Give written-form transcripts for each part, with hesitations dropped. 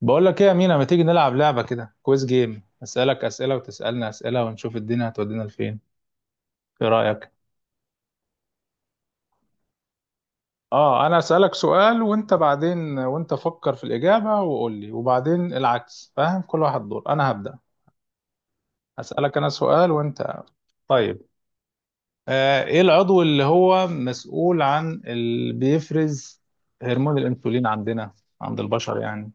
بقول لك ايه يا مينا؟ ما تيجي نلعب لعبة كده، كويز جيم، اسالك اسئلة وتسالني اسئلة ونشوف الدنيا هتودينا لفين؟ ايه رأيك؟ اه انا اسالك سؤال وانت بعدين، وانت فكر في الإجابة وقول لي، وبعدين العكس. فاهم؟ كل واحد دور، انا هبدأ اسالك انا سؤال وانت. طيب. ايه العضو اللي هو مسؤول عن اللي بيفرز هرمون الانسولين عندنا، عند البشر يعني؟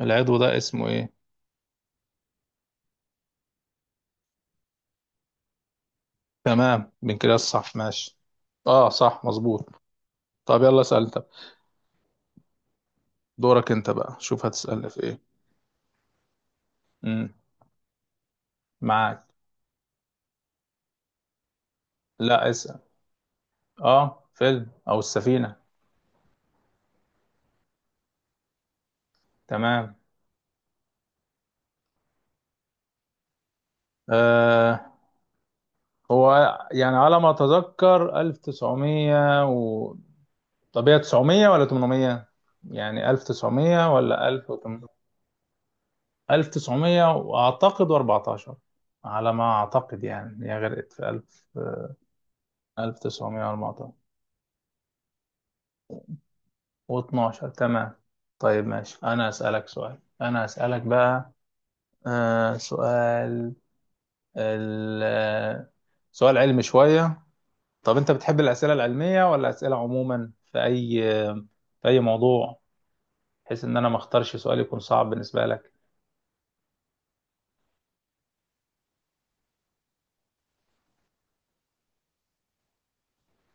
العضو ده اسمه ايه؟ تمام، بنكرياس، صح ماشي. اه صح مظبوط. طب يلا اسال، دورك انت بقى، شوف هتسألني في ايه. امم معاك. لا اسأل. اه، فيلم او السفينة. تمام. آه هو يعني على ما اتذكر 1900 و... طب هي 900 ولا 800؟ يعني 1900 ولا 1800؟ 1900 واعتقد 14. على ما اعتقد يعني هي غرقت في 1000. 1914 و12. تمام. طيب ماشي، انا اسالك بقى. آه، سؤال. ال- سؤال علمي شوية. طب أنت بتحب الأسئلة العلمية ولا أسئلة عموما في أي موضوع؟ بحيث إن أنا ما أختارش سؤال يكون صعب بالنسبة لك.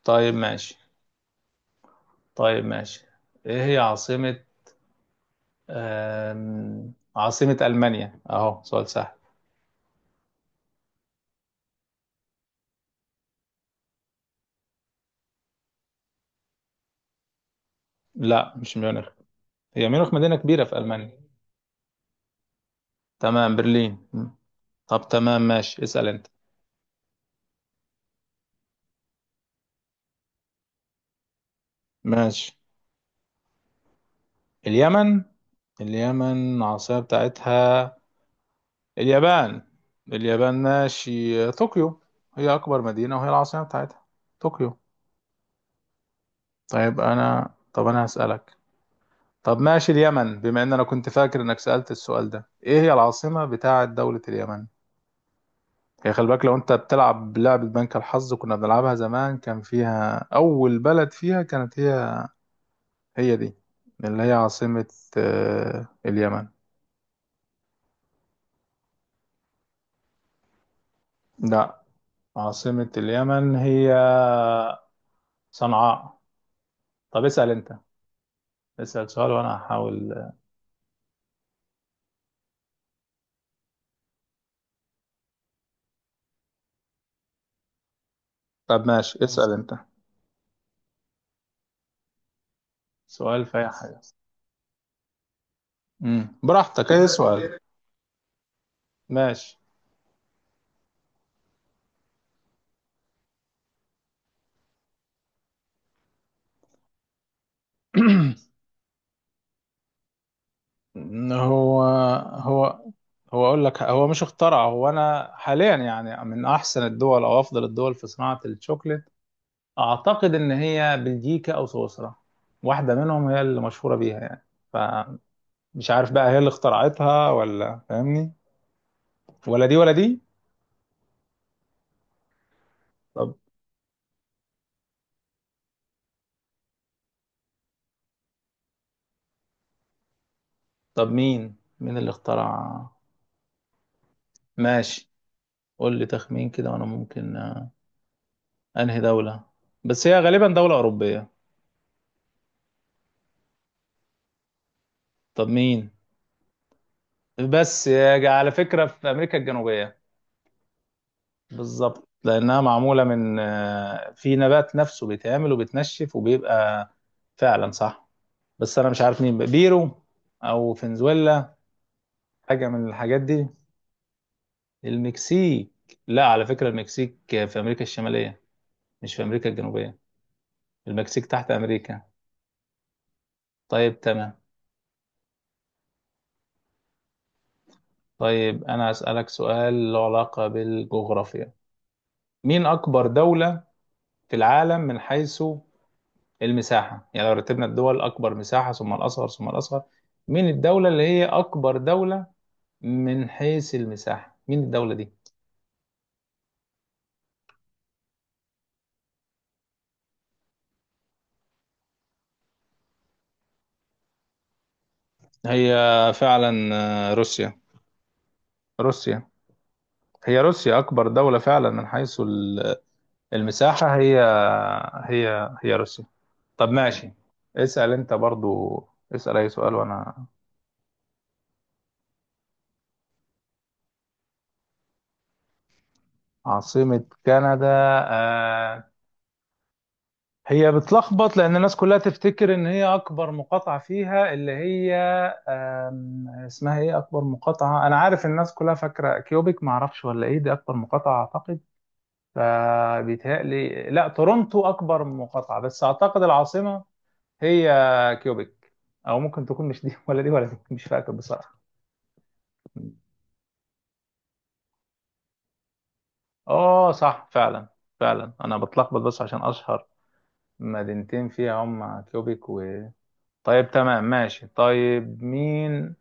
طيب ماشي. طيب ماشي. إيه هي عاصمة، عاصمة ألمانيا؟ أهو سؤال سهل. لا مش ميونخ، هي ميونخ مدينة كبيرة في ألمانيا. تمام برلين. طب تمام ماشي، اسأل أنت. ماشي، اليمن؟ اليمن عاصمة بتاعتها؟ اليابان. اليابان ماشي، طوكيو. هي أكبر مدينة وهي العاصمة بتاعتها، طوكيو. طيب أنا، طب أنا هسألك. طب ماشي، اليمن بما إن أنا كنت فاكر إنك سألت السؤال ده، إيه هي العاصمة بتاعة دولة اليمن؟ هي، خلي بالك لو أنت بتلعب لعبة بنك الحظ كنا بنلعبها زمان، كان فيها أول بلد فيها كانت هي، هي دي اللي هي عاصمة، اليمن. لا، عاصمة اليمن هي صنعاء. طب اسأل أنت، اسأل سؤال وأنا هحاول. طب ماشي اسأل انت، سؤال في اي حاجة. براحتك، اي سؤال. ماشي. هو هو هو اقول لك، هو مش اخترع. هو انا حاليا يعني من احسن الدول او افضل الدول في صناعة الشوكليت اعتقد ان هي بلجيكا او سويسرا. واحدة منهم هي اللي مشهورة بيها يعني. فمش عارف بقى هي اللي اخترعتها، ولا فاهمني؟ ولا دي ولا دي. طب، طب مين اللي اخترع؟ ماشي، قول لي تخمين كده وانا ممكن. انهي دولة؟ بس هي غالبا دولة أوروبية. طب مين؟ على فكرة، في أمريكا الجنوبية. بالظبط، لأنها معمولة من، في نبات نفسه بيتعمل وبيتنشف وبيبقى. فعلا صح. بس أنا مش عارف مين بقى، بيرو أو فنزويلا، حاجة من الحاجات دي. المكسيك؟ لا على فكرة المكسيك في أمريكا الشمالية، مش في أمريكا الجنوبية. المكسيك تحت أمريكا. طيب تمام. طيب أنا أسألك سؤال له علاقة بالجغرافيا، مين أكبر دولة في العالم من حيث المساحة؟ يعني لو رتبنا الدول أكبر مساحة ثم الأصغر ثم الأصغر، مين الدولة اللي هي أكبر دولة من حيث المساحة؟ مين الدولة دي؟ هي فعلا، روسيا. روسيا، هي روسيا أكبر دولة فعلا من حيث المساحة. هي روسيا. طب ماشي، اسأل أنت برضو، اسأل أي سؤال وأنا. عاصمة كندا؟ آه، هي بتلخبط لان الناس كلها تفتكر ان هي اكبر مقاطعه فيها اللي هي، اسمها ايه اكبر مقاطعه، انا عارف الناس كلها فاكره كيوبيك، ما اعرفش ولا ايه دي اكبر مقاطعه اعتقد. فبيتهيألي لا، تورونتو اكبر مقاطعه، بس اعتقد العاصمه هي كيوبيك، او ممكن تكون مش دي ولا دي ولا دي، مش فاكر بصراحه. اه صح فعلا. فعلا انا بتلخبط بس عشان اشهر مدينتين فيها هم كيوبيك و... طيب تمام ماشي. طيب مين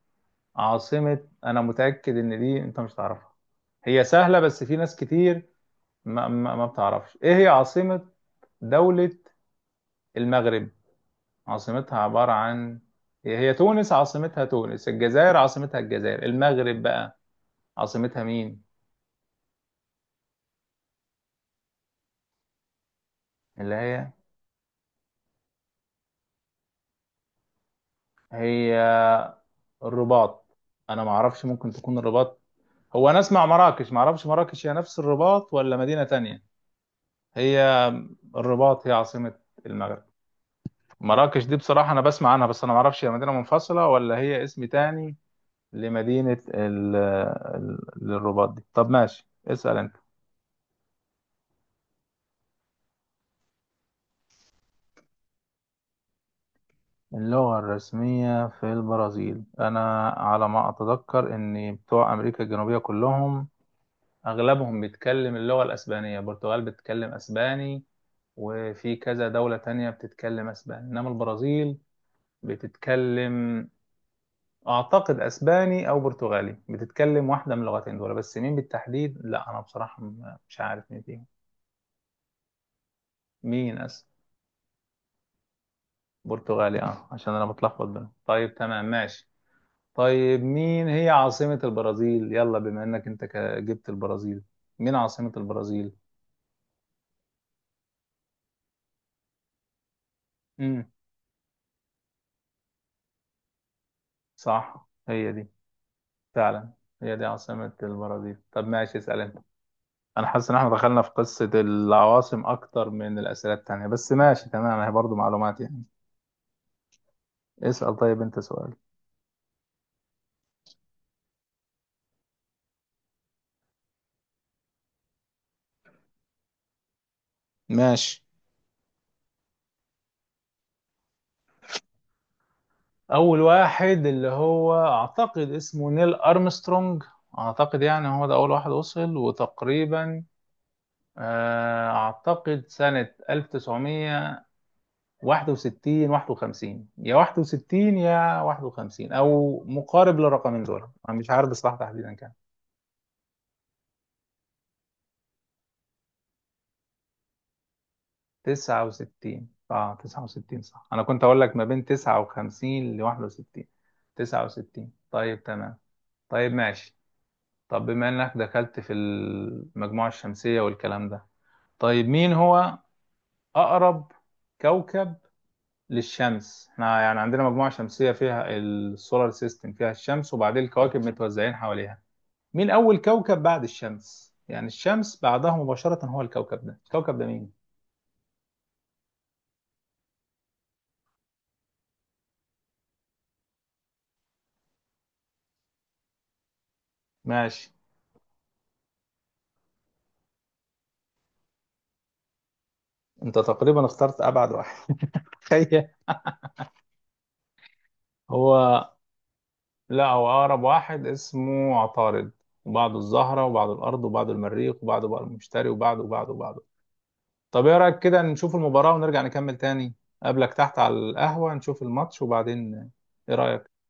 عاصمة، أنا متأكد إن دي أنت مش تعرفها، هي سهلة بس في ناس كتير ما بتعرفش، إيه هي عاصمة دولة المغرب؟ عاصمتها عبارة عن، هي هي تونس عاصمتها تونس، الجزائر عاصمتها الجزائر، المغرب بقى عاصمتها مين؟ اللي هي، هي الرباط. أنا ما أعرفش، ممكن تكون الرباط. هو أنا أسمع مراكش، ما أعرفش مراكش هي نفس الرباط ولا مدينة تانية. هي الرباط هي عاصمة المغرب. مراكش دي بصراحة أنا بسمع عنها بس أنا معرفش هي مدينة منفصلة ولا هي اسم تاني لمدينة للرباط دي. طب ماشي اسأل أنت. اللغة الرسمية في البرازيل؟ أنا على ما أتذكر إن بتوع أمريكا الجنوبية كلهم أغلبهم بيتكلم اللغة الأسبانية، البرتغال بتتكلم أسباني وفي كذا دولة تانية بتتكلم أسباني، إنما البرازيل بتتكلم، أعتقد أسباني أو برتغالي، بتتكلم واحدة من اللغتين دول، بس مين بالتحديد لا أنا بصراحة مش عارف مين فيهم. مين أس... برتغالي، أه، عشان أنا بتلخبط بينهم. طيب تمام ماشي. طيب مين هي عاصمة البرازيل، يلا بما إنك أنت جبت البرازيل، مين عاصمة البرازيل؟ امم صح، هي دي فعلا، هي دي عاصمة البرازيل. طب ماشي، اسأل أنت. أنا حاسس إن إحنا دخلنا في قصة العواصم أكتر من الأسئلة التانية، بس ماشي تمام هي برضو معلومات يعني. اسأل طيب أنت سؤال. ماشي، اول واحد اللي هو اعتقد اسمه نيل ارمسترونج، اعتقد يعني هو ده اول واحد وصل، وتقريبا اعتقد سنة 1961. 51 يا 61 يا 51، او مقارب للرقمين دول، انا مش عارف بصراحة تحديدا كام. 69، اه 69 صح، انا كنت اقول لك ما بين 59 ل 61. 69. طيب تمام. طيب ماشي. طب بما انك دخلت في المجموعة الشمسية والكلام ده، طيب مين هو اقرب كوكب للشمس؟ احنا يعني عندنا مجموعة شمسية فيها السولار سيستم، فيها الشمس وبعدين الكواكب متوزعين حواليها. مين اول كوكب بعد الشمس؟ يعني الشمس بعدها مباشرة هو الكوكب ده، الكوكب ده مين؟ ماشي. انت تقريبا اخترت ابعد واحد. تخيل. هو، لا هو اقرب واحد اسمه عطارد، وبعده الزهرة وبعده الارض وبعده المريخ وبعده بقى المشتري وبعده وبعده وبعده. طب ايه رايك كده نشوف المباراه ونرجع نكمل تاني؟ قبلك تحت على القهوه نشوف الماتش وبعدين. ايه رايك؟